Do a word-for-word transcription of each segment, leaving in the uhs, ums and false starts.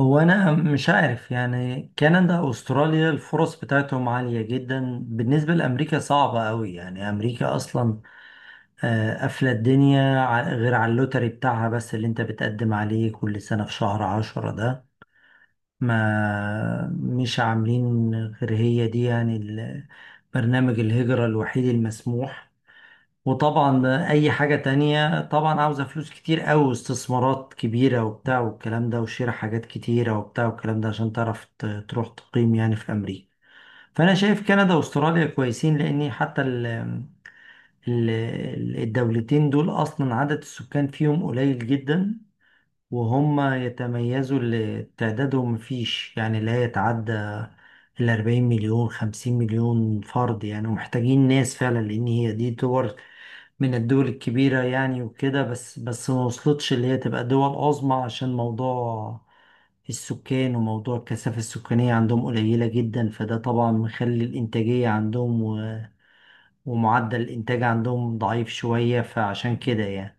هو انا مش عارف، يعني كندا واستراليا الفرص بتاعتهم عالية جدا، بالنسبة لامريكا صعبة قوي. يعني امريكا اصلا آه، قافلة الدنيا، ع- غير على اللوتري بتاعها، بس اللي انت بتقدم عليه كل سنة في شهر عشرة ده، ما مش عاملين غير هي دي، يعني ال- برنامج الهجرة الوحيد المسموح. وطبعا اي حاجة تانية طبعا عاوزة فلوس كتير قوي واستثمارات كبيرة وبتاع والكلام ده، وشراء حاجات كتيرة وبتاع والكلام ده، عشان تعرف ت- تروح تقيم يعني في امريكا. فانا شايف كندا واستراليا كويسين، لان حتى ال ال الدولتين دول اصلا عدد السكان فيهم قليل جدا، وهم يتميزوا اللي تعدادهم مفيش، يعني لا يتعدى ال أربعين مليون خمسين مليون فرد يعني، ومحتاجين ناس فعلا، لان هي دي دول من الدول الكبيرة يعني وكده، بس بس ما وصلتش اللي هي تبقى دول عظمى، عشان موضوع السكان وموضوع الكثافة السكانية عندهم قليلة جدا، فده طبعا مخلي الإنتاجية عندهم و- ومعدل الإنتاج عندهم ضعيف شوية، فعشان كده يعني.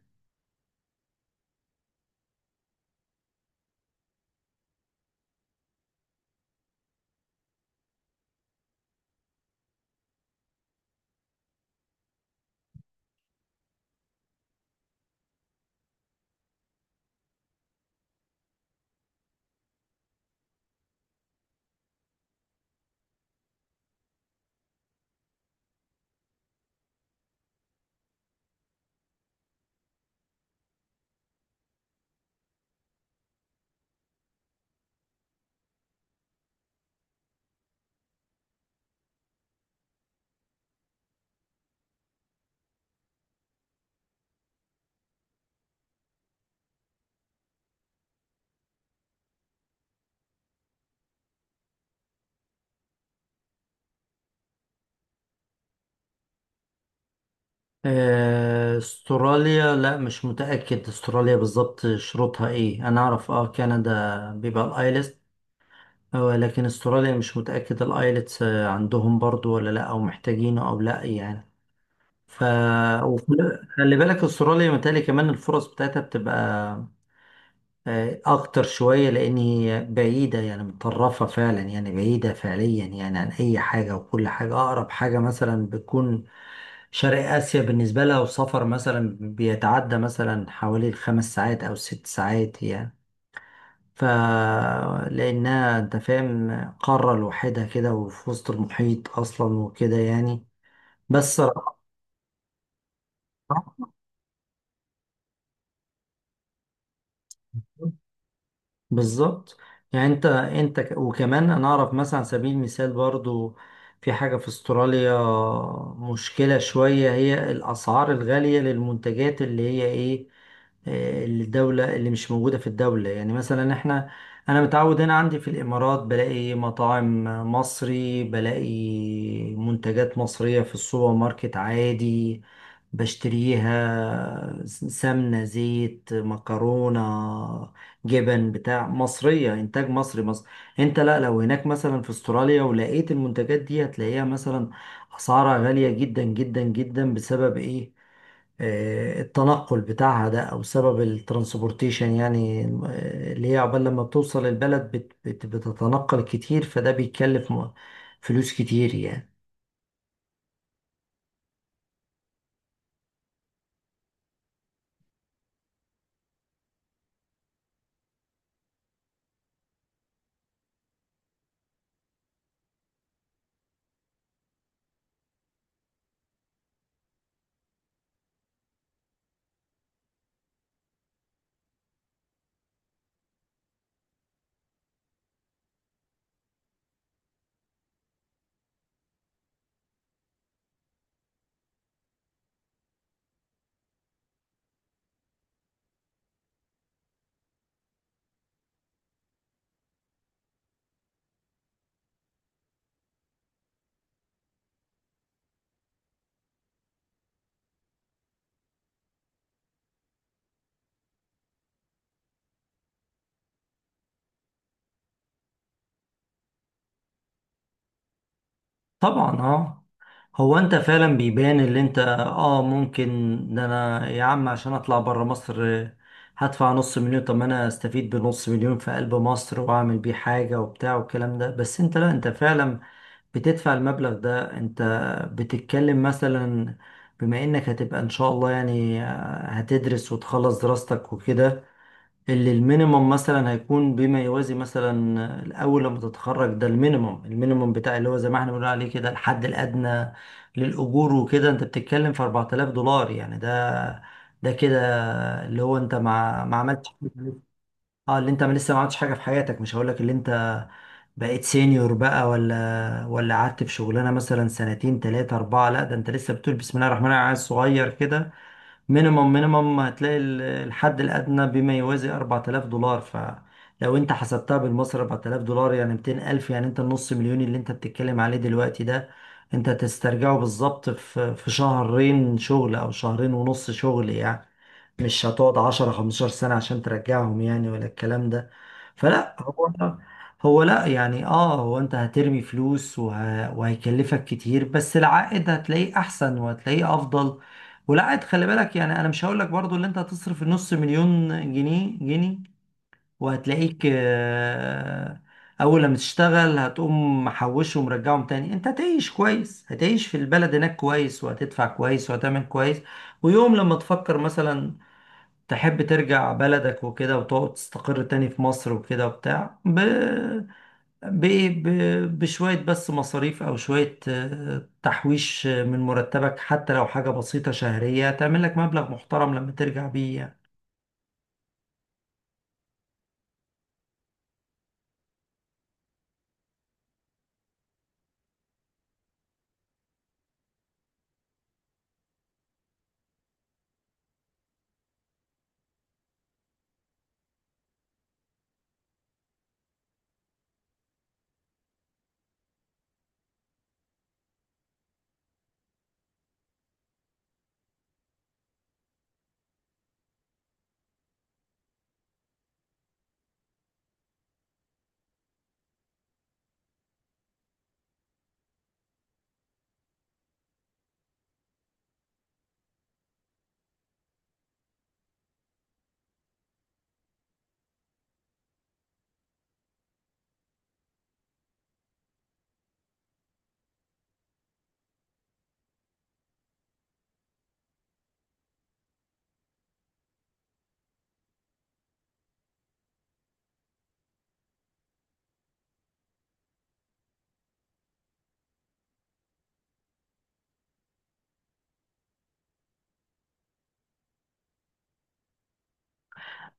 آه، استراليا لا مش متأكد استراليا بالظبط شروطها ايه، انا اعرف اه كندا بيبقى الايلتس، آه، لكن استراليا مش متأكد الايلتس، آه، عندهم برضو ولا لا، او محتاجينه او لا يعني. ف وخلي بالك استراليا متهيألي كمان الفرص بتاعتها بتبقى آه، اكتر شوية، لان هي بعيدة يعني متطرفة فعلا، يعني بعيدة فعليا يعني عن اي حاجة، وكل حاجة اقرب حاجة مثلا بتكون شرق اسيا بالنسبة لها، وسفر مثلا بيتعدى مثلا حوالي الخمس ساعات او ست ساعات يعني، ف لانها انت فاهم قارة لوحدها كده، وفي وسط المحيط اصلا وكده يعني بس. بالظبط، يعني انت انت ك- وكمان انا اعرف مثلا على سبيل المثال برضو، في حاجة في استراليا مشكلة شوية، هي الاسعار الغالية للمنتجات اللي هي ايه، آه، الدولة اللي مش موجودة في الدولة، يعني مثلا احنا انا متعود هنا عندي في الامارات بلاقي مطاعم مصري، بلاقي منتجات مصرية في السوبر ماركت عادي، بشتريها س- سمنة زيت مكرونة جبن بتاع مصرية إنتاج مصري مصر. أنت لا لو هناك مثلا في أستراليا ولقيت المنتجات دي، هتلاقيها مثلا أسعارها غالية جدا جدا جدا، بسبب إيه آه، التنقل بتاعها ده، أو سبب الترانسبورتيشن يعني، آه، اللي هي عقبال لما بتوصل البلد بت بت بتتنقل كتير، فده بيتكلف م- فلوس كتير يعني. طبعا اه هو انت فعلا بيبان اللي انت اه ممكن، ده انا يا عم عشان اطلع بره مصر آه، هدفع نص مليون، طب ما انا استفيد بنص مليون في قلب مصر واعمل بيه حاجة وبتاع والكلام ده، بس انت لا انت فعلا بتدفع المبلغ ده، انت بتتكلم مثلا بما انك هتبقى ان شاء الله يعني، آه، هتدرس وتخلص دراستك وكده، اللي المينيمم مثلا هيكون بما يوازي مثلا، الاول لما تتخرج ده المينيمم المينيمم بتاع اللي هو زي ما احنا بنقول عليه كده الحد الادنى للاجور وكده، انت بتتكلم في أربعة آلاف دولار يعني، ده ده كده اللي هو انت ما ما عملتش، اه اللي انت ما لسه ما عملتش حاجه في حياتك، مش هقول لك اللي انت بقيت سينيور بقى، ولا ولا قعدت في شغلانه مثلا سنتين ثلاثه اربعه، لا ده انت لسه بتقول بسم الله الرحمن الرحيم عيل صغير كده. مينيمم مينيمم هتلاقي ال- الحد الأدنى بما يوازي أربعة آلاف دولار، فلو أنت حسبتها بالمصري أربعة آلاف دولار يعني مئتين ألف، يعني أنت النص مليون اللي أنت بتتكلم عليه دلوقتي ده، أنت تسترجعه بالظبط في في شهرين شغل أو شهرين ونص شغل يعني، مش هتقعد عشرة خمستاشر سنة عشان ترجعهم يعني ولا الكلام ده. فلا هو هو لا يعني، اه هو انت هترمي فلوس وه... وهيكلفك كتير، بس العائد هتلاقيه احسن وهتلاقيه افضل، والعائد خلي بالك يعني، انا مش هقول لك برضو اللي انت هتصرف نص مليون جنيه جنيه، وهتلاقيك آه، اول لما تشتغل هتقوم محوشه ومرجعهم تاني، انت هتعيش كويس هتعيش في البلد هناك كويس وهتدفع كويس وهتعمل كويس، ويوم لما تفكر مثلا تحب ترجع بلدك وكده وتقعد تستقر تاني في مصر وكده وبتاع، ب... ب... ب... بشوية بس مصاريف، أو شوية آه، تحويش، آه، من مرتبك حتى لو حاجة بسيطة شهرية، تعمل لك مبلغ محترم لما ترجع بيه يعني.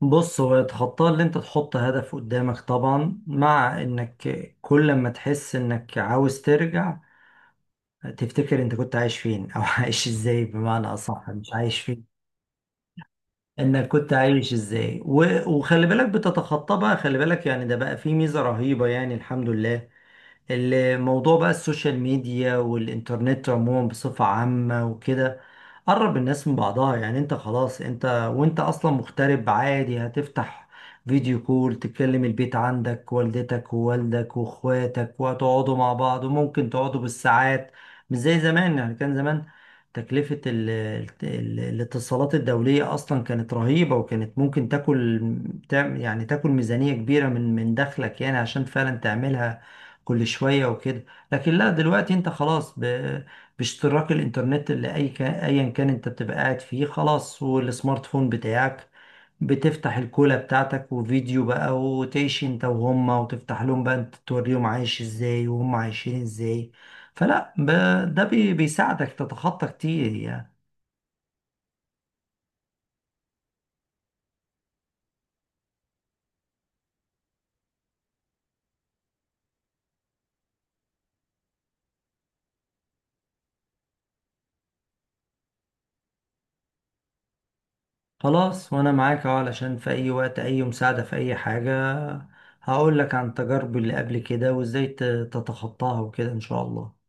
بص هو تخطى اللي انت تحط هدف قدامك طبعا، مع انك كل ما تحس انك عاوز ترجع، تفتكر انت كنت عايش فين، او عايش ازاي بمعنى اصح مش عايش فين، انك كنت عايش ازاي و- وخلي بالك بتتخطى بقى، خلي بالك يعني ده بقى فيه ميزة رهيبة يعني الحمد لله، الموضوع بقى السوشيال ميديا والإنترنت عموما بصفة عامة وكده قرب الناس من بعضها يعني، انت خلاص انت وانت اصلا مغترب عادي هتفتح فيديو كول تكلم البيت عندك، والدتك ووالدك واخواتك وهتقعدوا مع بعض، وممكن تقعدوا بالساعات، مش زي زمان، يعني كان زمان تكلفة ال ال الاتصالات الدولية أصلا كانت رهيبة، وكانت ممكن تاكل تعم- يعني تاكل ميزانية كبيرة من من دخلك يعني، عشان فعلا تعملها كل شوية وكده. لكن لا دلوقتي انت خلاص ب... باشتراك الانترنت اللي اي كان ايا كان انت بتبقى قاعد فيه خلاص، والسمارت فون بتاعك بتفتح الكولة بتاعتك وفيديو بقى، وتعيش انت وهما، وتفتح لهم بقى انت توريهم عايش ازاي وهم عايشين ازاي، فلا ب... ده بي... بيساعدك تتخطى كتير يعني. خلاص وانا معاك اهو، علشان في اي وقت اي مساعدة في اي حاجة، هقول لك عن تجاربي اللي قبل كده وازاي ت- تتخطاها وكده ان شاء الله.